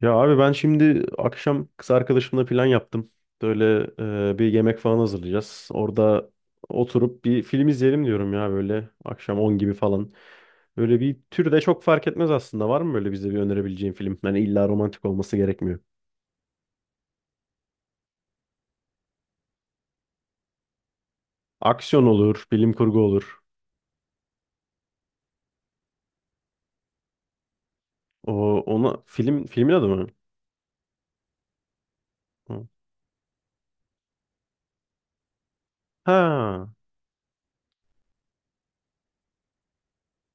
Ya abi ben şimdi akşam kız arkadaşımla plan yaptım. Böyle bir yemek falan hazırlayacağız. Orada oturup bir film izleyelim diyorum ya böyle akşam 10 gibi falan. Böyle bir tür de çok fark etmez aslında. Var mı böyle bize bir önerebileceğin film? Yani illa romantik olması gerekmiyor. Aksiyon olur, bilim kurgu olur. O ona film filmin adı mı? Ha,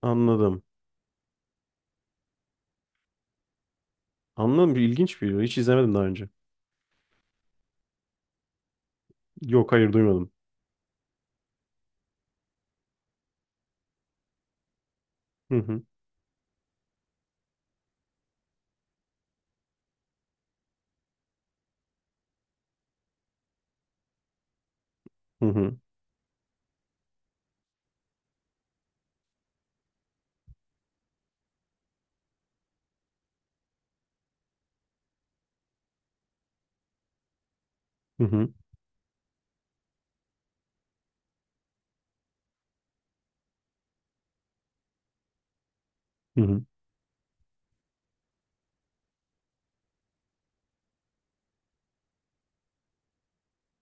anladım. Anladım. İlginç bir video. Hiç izlemedim daha önce. Yok, hayır, duymadım. Hı hı. Hı hı. Hı hı.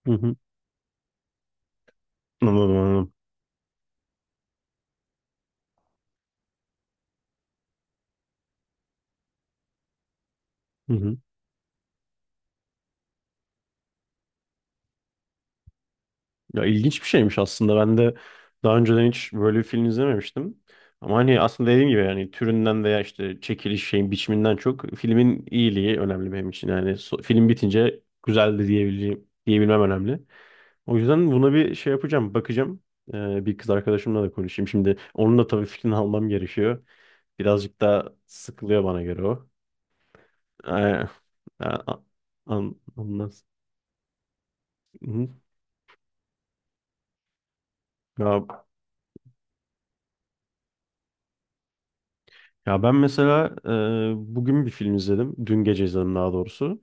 Hı hı. Anladım, anladım. Ya ilginç bir şeymiş aslında. Ben de daha önceden hiç böyle bir film izlememiştim. Ama hani aslında dediğim gibi yani türünden veya işte çekiliş şeyin biçiminden çok filmin iyiliği önemli benim için. Yani film bitince güzeldi diyebilmem önemli. O yüzden buna bir şey yapacağım, bakacağım. Bir kız arkadaşımla da konuşayım. Şimdi onun da tabii fikrini almam gerekiyor. Birazcık daha sıkılıyor bana göre o. Ee, a- a- an- ondan- Hı. Ya Ya ben mesela bugün bir film izledim. Dün gece izledim daha doğrusu.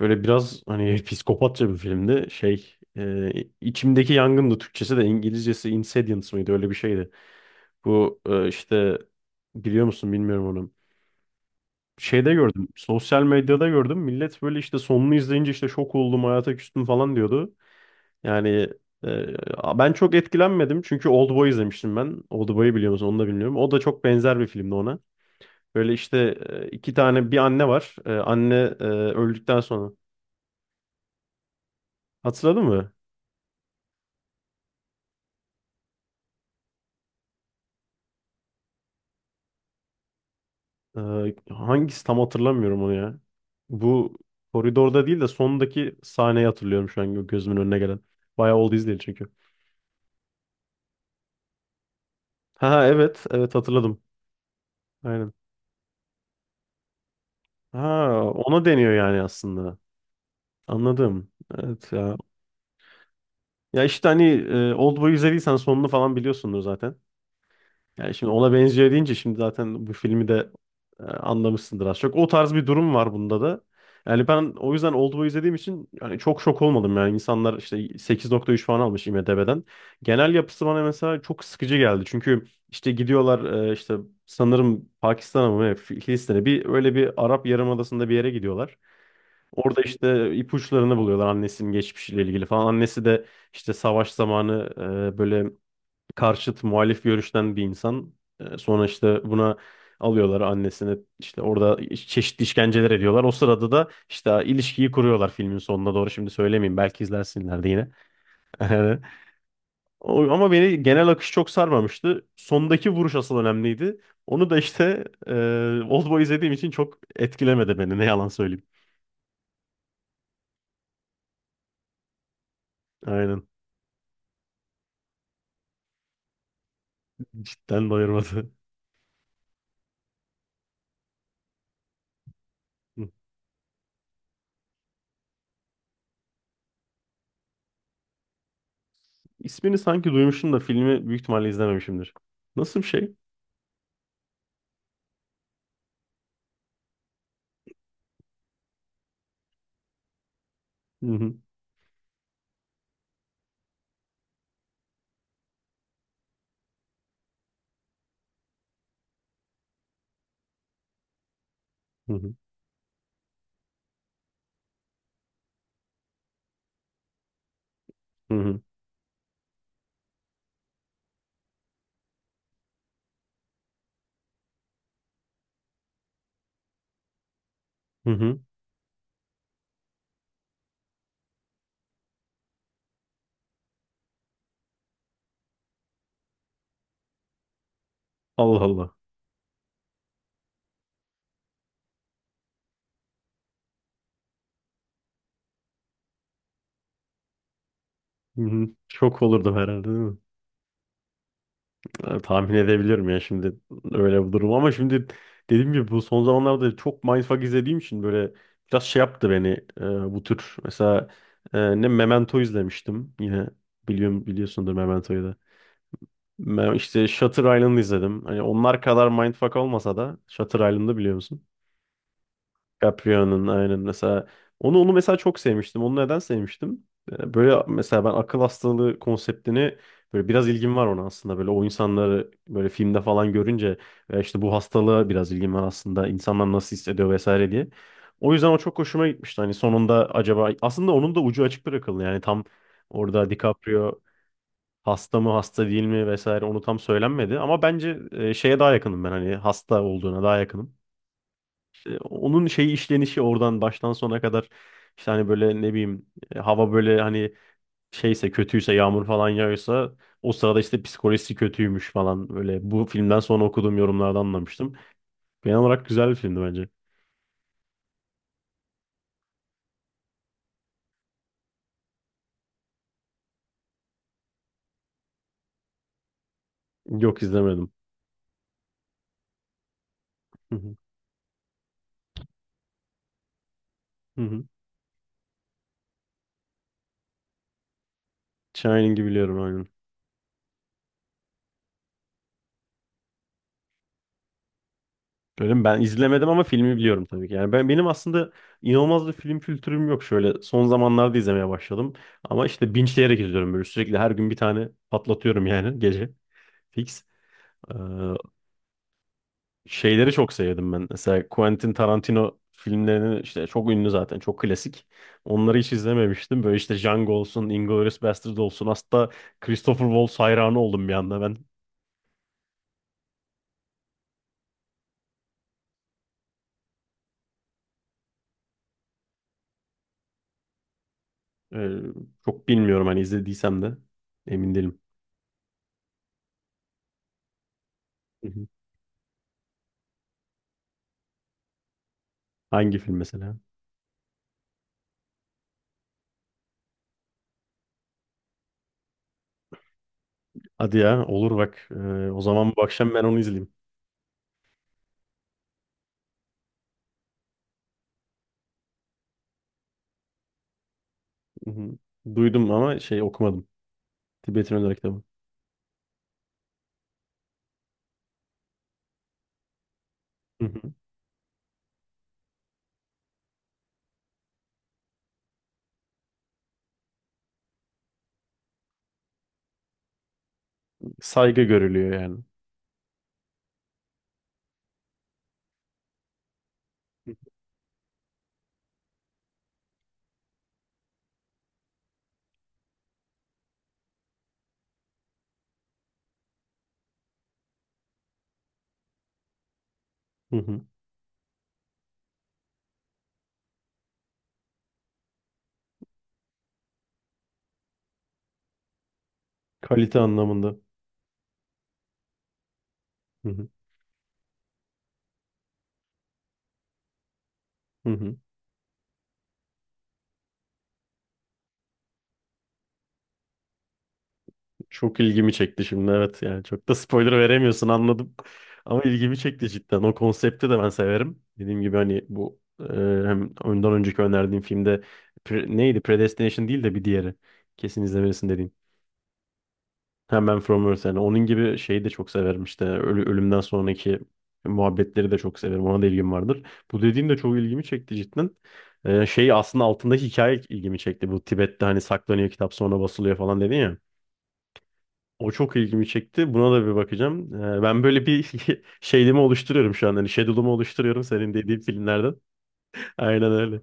Böyle biraz hani psikopatça bir filmdi. Şey, içimdeki yangındı Türkçesi de İngilizcesi Insidious mıydı öyle bir şeydi. Bu işte biliyor musun bilmiyorum onu. Şeyde gördüm. Sosyal medyada gördüm. Millet böyle işte sonunu izleyince işte şok oldum, hayata küstüm falan diyordu. Yani e, ben çok etkilenmedim. Çünkü Oldboy izlemiştim ben. Oldboy'u biliyor musun, onu da bilmiyorum. O da çok benzer bir filmdi ona. Böyle işte iki tane bir anne var. E, anne öldükten sonra. Hatırladın mı? Hangisi tam hatırlamıyorum onu ya. Bu koridorda değil de sondaki sahneyi hatırlıyorum şu an gözümün önüne gelen. Bayağı oldu izleyeli çünkü. Ha evet, evet, hatırladım. Aynen. Ha, ona deniyor yani aslında. Anladım. Evet ya. Ya işte hani Oldboy'u izlediysen sonunu falan biliyorsundur zaten. Yani şimdi ona benziyor deyince şimdi zaten bu filmi de anlamışsındır az çok. O tarz bir durum var bunda da. Yani ben o yüzden Old Boy'u izlediğim için yani çok şok olmadım, yani insanlar işte 8,3 falan almış IMDb'den. Genel yapısı bana mesela çok sıkıcı geldi. Çünkü işte gidiyorlar işte sanırım Pakistan'a mı ne, Filistin'e, bir öyle bir Arap Yarımadası'nda bir yere gidiyorlar. Orada işte ipuçlarını buluyorlar annesinin geçmişiyle ilgili falan. Annesi de işte savaş zamanı böyle karşıt muhalif görüşten bir insan. E, Sonra işte buna alıyorlar annesini, işte orada çeşitli işkenceler ediyorlar. O sırada da işte ilişkiyi kuruyorlar filmin sonuna doğru. Şimdi söylemeyeyim, belki izlersinler de yine. Ama beni genel akış çok sarmamıştı. Sondaki vuruş asıl önemliydi. Onu da işte Oldboy izlediğim için çok etkilemedi beni, ne yalan söyleyeyim. Aynen. Cidden doyurmadı. Hı. İsmini sanki duymuşum da filmi büyük ihtimalle izlememişimdir. Nasıl bir şey? Hı hı. Hı hı. Hı hı. Hı hı. Allah Allah. Hı hı. Şok olurdum herhalde, değil mi? Yani tahmin edebilirim ya şimdi öyle bir durum, ama şimdi dediğim gibi bu son zamanlarda çok mindfuck izlediğim için böyle biraz şey yaptı beni. e, bu tür mesela e, ne Memento izlemiştim yine, biliyorum biliyorsundur Memento'yu da. İşte Shutter Island izledim. Hani onlar kadar mindfuck olmasa da Shutter Island'ı biliyor musun? Caprio'nun, aynen. Mesela onu mesela çok sevmiştim. Onu neden sevmiştim? Böyle mesela ben akıl hastalığı konseptini, böyle biraz ilgim var ona aslında. Böyle o insanları böyle filmde falan görünce işte bu hastalığa biraz ilgim var aslında. İnsanlar nasıl hissediyor vesaire diye. O yüzden o çok hoşuma gitmişti. Hani sonunda acaba, aslında onun da ucu açık bırakıldı. Yani tam orada DiCaprio hasta mı hasta değil mi vesaire onu tam söylenmedi. Ama bence şeye daha yakınım ben, hani hasta olduğuna daha yakınım. Onun şey işlenişi oradan baştan sona kadar işte hani böyle ne bileyim, hava böyle hani şeyse, kötüyse, yağmur falan yağıyorsa o sırada işte psikolojisi kötüymüş falan, böyle bu filmden sonra okuduğum yorumlardan anlamıştım. Genel olarak güzel bir filmdi bence. Yok, izlemedim. Hı hı, hı hı. Shining'i biliyorum, aynen. Böyle ben izlemedim ama filmi biliyorum tabii ki. Yani benim aslında inanılmaz bir film kültürüm yok şöyle. Son zamanlarda izlemeye başladım. Ama işte binçleyerek izliyorum böyle sürekli, her gün bir tane patlatıyorum yani gece. Fix. Ee, şeyleri çok sevdim ben. Mesela Quentin Tarantino filmlerini, işte çok ünlü zaten, çok klasik. Onları hiç izlememiştim. Böyle işte Django olsun, Inglourious Basterds olsun. Hatta Christopher Waltz hayranı oldum bir anda ben. Ee, çok bilmiyorum, hani izlediysem de emin değilim. Hı hı. Hangi film mesela? Hadi ya, olur, bak. O zaman bu akşam ben onu izleyeyim. Hı hı. Duydum ama şey okumadım. Tibet'in Ölüler kitabı. Hı hı. Saygı görülüyor yani. Hı hı. Kalite anlamında. Hı hı. Hı hı. Çok ilgimi çekti şimdi, evet, yani çok da spoiler veremiyorsun, anladım. Ama ilgimi çekti cidden. O konsepti de ben severim. Dediğim gibi hani bu hem ondan önceki önerdiğim filmde neydi? Predestination değil de bir diğeri. Kesin izlemelisin dediğin. Hemen From Earth yani. Onun gibi şeyi de çok severim işte. Ölümden sonraki muhabbetleri de çok severim. Ona da ilgim vardır. Bu dediğim de çok ilgimi çekti cidden. Şey aslında altındaki hikaye ilgimi çekti. Bu Tibet'te hani saklanıyor kitap, sonra basılıyor falan dedin ya. O çok ilgimi çekti. Buna da bir bakacağım. Ben böyle bir şeyimi oluşturuyorum şu an. Hani schedule'umu oluşturuyorum senin dediğin filmlerden. Aynen öyle.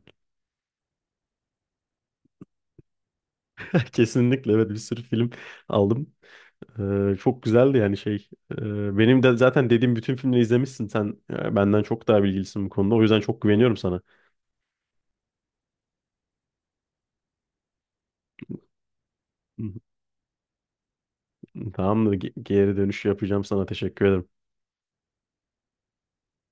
Kesinlikle, evet, bir sürü film aldım. Çok güzeldi yani şey. Benim de zaten dediğim bütün filmleri izlemişsin sen. Benden çok daha bilgilisin bu konuda. O yüzden çok güveniyorum sana. Hı hı. Tamamdır. Geri dönüş yapacağım sana. Teşekkür ederim.